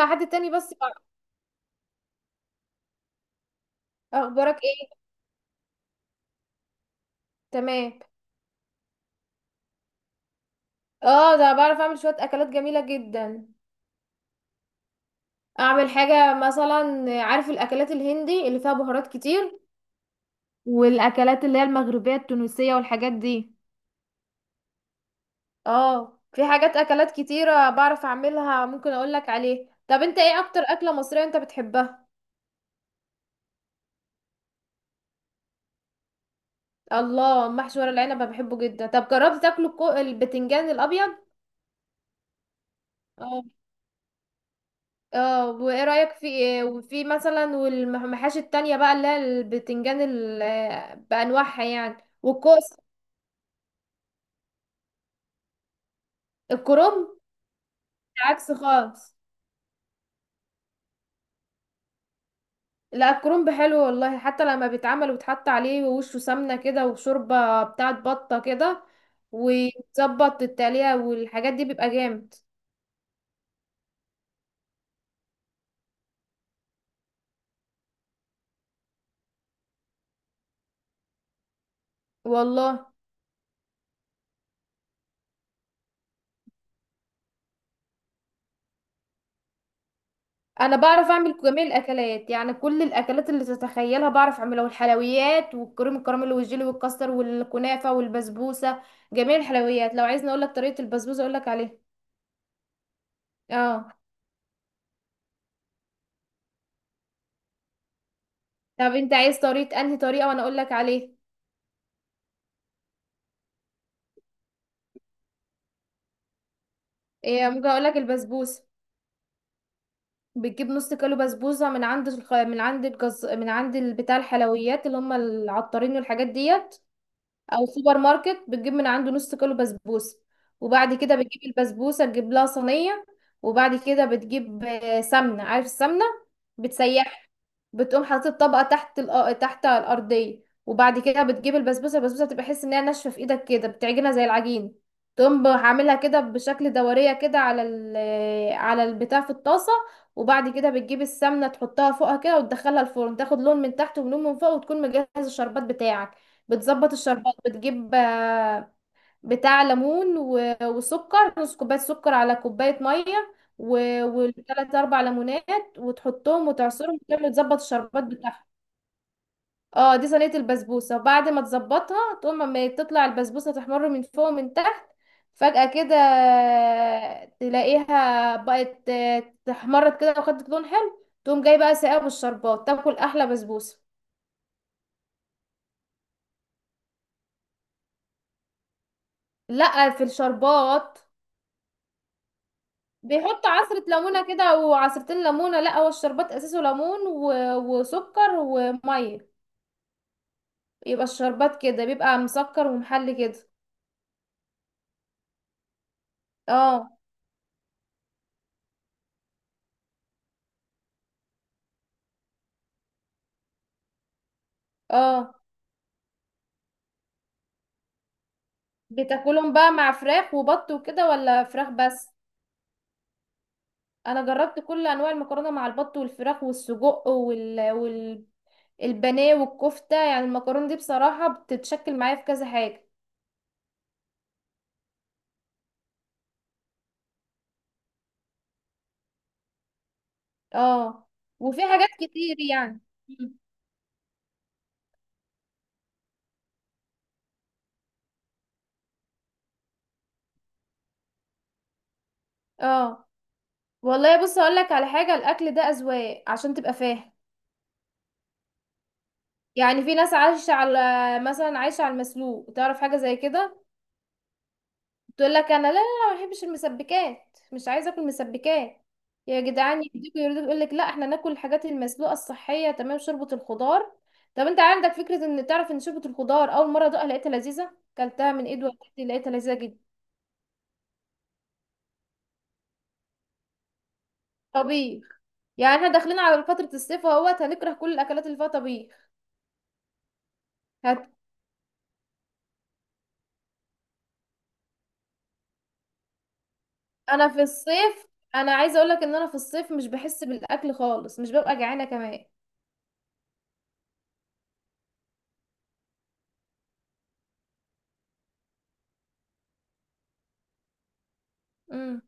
مع حد تاني بس بعرف. اخبارك ايه؟ تمام. اه، ده بعرف اعمل شوية اكلات جميلة جدا. اعمل حاجة مثلا، عارف الاكلات الهندي اللي فيها بهارات كتير والاكلات اللي هي المغربية التونسية والحاجات دي. اه، في حاجات اكلات كتيرة بعرف اعملها ممكن اقولك عليه. طب انت ايه اكتر اكلة مصرية انت بتحبها؟ الله، محشي ورق العنب أنا بحبه جدا. طب جربت تاكله البتنجان الابيض؟ اه. اه، وايه رأيك في ايه؟ وفي مثلا والمحاشي التانية بقى اللي هي البتنجان بأنواعها يعني والكوس. الكرنب. العكس خالص. لا، الكرنب حلو والله، حتى لما بيتعمل وتحط عليه ووشه سمنة كده وشوربة بتاعت بطة كده وتظبط التقلية والحاجات دي بيبقى جامد. والله، انا بعرف اعمل جميع الاكلات، يعني كل الاكلات اللي تتخيلها بعرف اعملها، والحلويات والكريم الكراميل والجيلي والكاستر والكنافه والبسبوسه. جميع الحلويات. لو عايزني اقول لك طريقه البسبوسه اقول لك عليها. اه. طب انت عايز طريقه انهي طريقه وانا اقول لك عليه؟ إيه، ممكن اقول لك البسبوسه. بتجيب نص كيلو بسبوسه من عند الخ... من عند الجز... من عند بتاع الحلويات اللي هم العطارين والحاجات دي، او سوبر ماركت بتجيب من عنده نص كيلو بسبوسه. وبعد كده بتجيب البسبوسه، تجيب لها صينيه. وبعد كده بتجيب سمنه، عارف السمنه؟ بتسيح. بتقوم حاطط الطبقه تحت تحت الارضيه. وبعد كده بتجيب البسبوسه. البسبوسه بتبقى حس انها ناشفه في ايدك كده، بتعجنها زي العجين. تقوم عاملها كده بشكل دوريه كده على البتاع في الطاسه. وبعد كده بتجيب السمنه تحطها فوقها كده وتدخلها الفرن، تاخد لون من تحت ولون من فوق، وتكون مجهز الشربات بتاعك. بتظبط الشربات، بتجيب بتاع ليمون وسكر، نص كوباية سكر على كوباية مية والتلات أربع ليمونات وتحطهم وتعصرهم وتعمل تظبط الشربات بتاعهم. اه، دي صينية البسبوسة. وبعد ما تظبطها تقوم، اما تطلع البسبوسة تحمر من فوق ومن تحت فجأة كده، تلاقيها بقت تحمرت كده وخدت لون حلو. تقوم جاي بقى ساقع بالشربات، تاكل أحلى بسبوسة. لا، في الشربات. بيحط عصرة ليمونة كده او عصرتين ليمونة. لا، هو الشربات اساسه ليمون وسكر ومية. يبقى الشربات كده بيبقى مسكر ومحلي كده. اه. اه، بتاكلهم بقى مع فراخ وبط وكده ولا فراخ بس؟ انا جربت كل انواع المكرونة مع البط والفراخ والسجق البانيه والكفتة، يعني المكرونة دي بصراحة بتتشكل معايا في كذا حاجة. اه، وفي حاجات كتير يعني. مم. اه، والله بص هقول لك على حاجه، الاكل ده اذواق عشان تبقى فاهم. يعني في ناس عايشه على مثلا عايشه على المسلوق، تعرف حاجه زي كده. تقول لك انا لا، لا. لا، ما بحبش المسبكات مش عايزه اكل مسبكات. يا جدعان، يهديكوا يرضيكوا، يقول لك لا احنا ناكل الحاجات المسلوقه الصحيه تمام، شوربه الخضار. طب انت عندك فكره ان تعرف ان شوربه الخضار اول مره ادوقها لقيتها لذيذه؟ كلتها من ايد والدتي لقيتها لذيذه جدا. طبيخ. يعني احنا داخلين على فتره الصيف اهوت، هنكره كل الاكلات اللي فيها طبيخ. انا في الصيف انا عايزه اقول لك ان انا في الصيف مش بحس بالاكل خالص مش ببقى جعانه كمان. امم.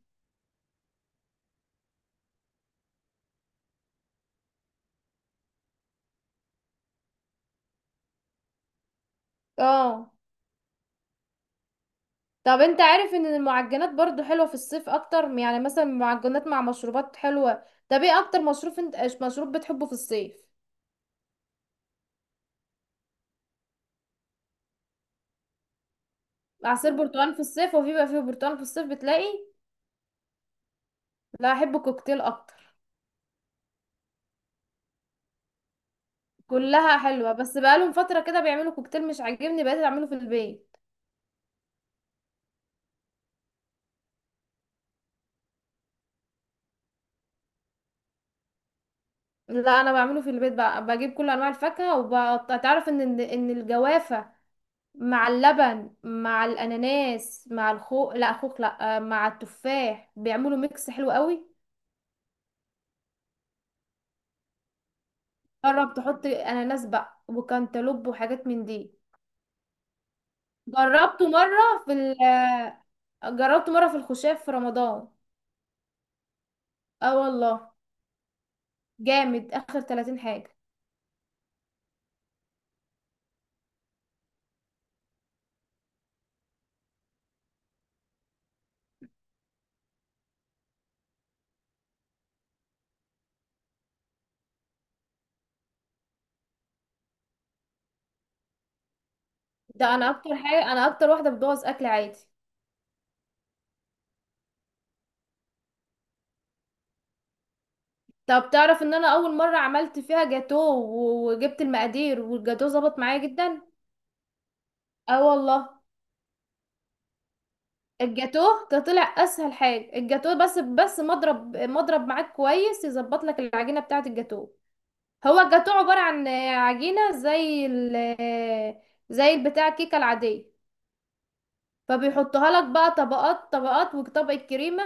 اه. طب انت عارف ان المعجنات برضو حلوه في الصيف اكتر، يعني مثلا معجنات مع مشروبات حلوه. طب ايه اكتر مشروب انت مشروب بتحبه في الصيف؟ عصير برتقال في الصيف؟ وفي بقى فيه برتقال في الصيف بتلاقي؟ لا، احب الكوكتيل اكتر. كلها حلوه، بس بقالهم فتره كده بيعملوا كوكتيل مش عاجبني، بقيت اعمله في البيت. لا، انا بعمله في البيت بقى، بجيب كل انواع الفاكهه وبقطع، تعرف ان ان إن الجوافه مع اللبن مع الاناناس مع الخوخ، لا خوخ، لا، مع التفاح بيعملوا ميكس حلو قوي. جرب تحط اناناس بقى وكانتالوب وحاجات من دي. جربته مره في ال جربته مره في الخشاف في رمضان. اه والله. جامد، اخر 30 حاجه. ده انا اكتر واحده بتبوظ اكل عادي. طب تعرف ان انا اول مره عملت فيها جاتو وجبت المقادير والجاتو ظبط معايا جدا. اه والله. الجاتوه ده طلع اسهل حاجه، الجاتوه بس مضرب مضرب معاك كويس يظبط لك العجينه بتاعه الجاتوه. هو الجاتوه عباره عن عجينه زي البتاع الكيكه العاديه. فبيحطها لك بقى طبقات طبقات وطبق الكريمه،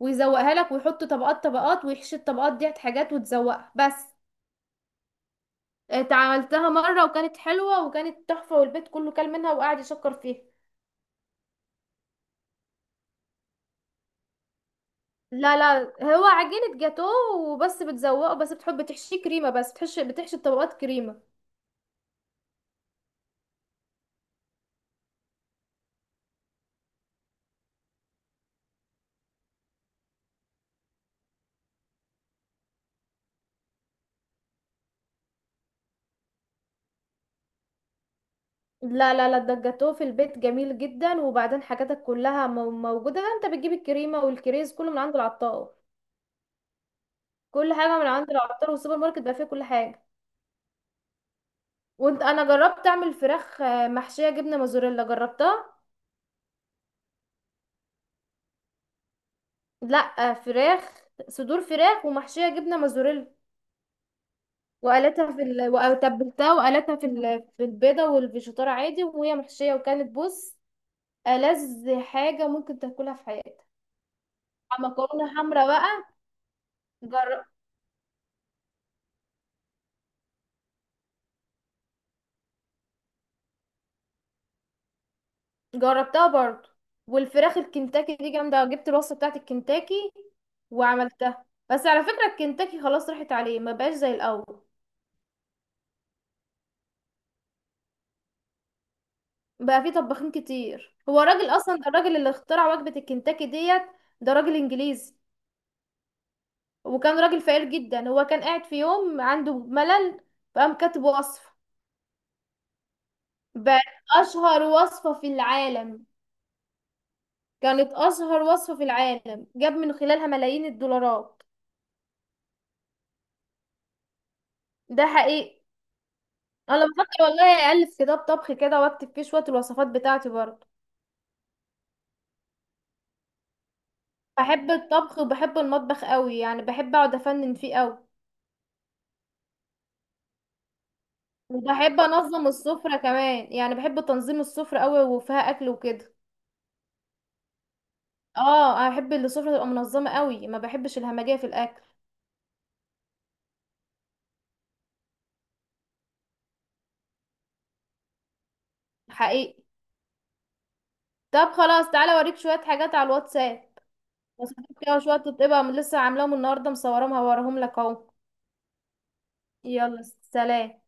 ويزوقها لك ويحط طبقات طبقات ويحشي الطبقات دي حاجات وتزوقها بس. اتعملتها مره وكانت حلوه وكانت تحفه، والبيت كله كل منها وقعد يشكر فيها. لا، لا. هو عجينة جاتوه وبس، بتزوقه بس، بتحب بتحشيه كريمة بس، بتحشي الطبقات كريمة. لا، لا، لا، ده الجاتوه في البيت جميل جدا، وبعدين حاجاتك كلها موجودة، انت بتجيب الكريمة والكريز كله من عند العطار. كل حاجة من عند العطار، والسوبر ماركت بقى فيه كل حاجة. انا جربت اعمل فراخ محشية جبنة موزاريلا، جربتها. لا، فراخ. صدور فراخ ومحشية جبنة موزاريلا، وقالتها وتبلتها وقالتها في البيضة والفيجيتار عادي، وهي محشية، وكانت بص، ألذ حاجة ممكن تاكلها في حياتك. مكرونة حمرا بقى. جر... جربتها برضو. والفراخ الكنتاكي دي جامدة، جبت الوصفة بتاعت الكنتاكي وعملتها، بس على فكرة الكنتاكي خلاص راحت عليه ما بقاش زي الأول. بقى فيه طباخين كتير. هو الراجل أصلا ده، الراجل اللي اخترع وجبة الكنتاكي ديت، ده راجل إنجليزي، وكان راجل فقير جدا. هو كان قاعد في يوم عنده ملل فقام كاتب وصفة بقت أشهر وصفة في العالم. كانت أشهر وصفة في العالم، جاب من خلالها ملايين الدولارات. ده حقيقي. أنا بفكر والله ألف كتاب طبخ كده وأكتب فيه شوية الوصفات بتاعتي برضه. بحب الطبخ وبحب المطبخ قوي، يعني بحب أقعد أفنن فيه قوي. وبحب أنظم السفرة كمان، يعني بحب تنظيم السفرة قوي وفيها أكل وكده. اه، أنا بحب إن السفرة تبقى منظمة قوي، ما بحبش الهمجية في الأكل. حقيقي. طب خلاص، تعالى أوريك شوية حاجات على الواتساب، وصفات كده وشوية تطيبها من لسه عاملاهم النهاردة مصورهم هوريهم لك أهو. يلا. سلام.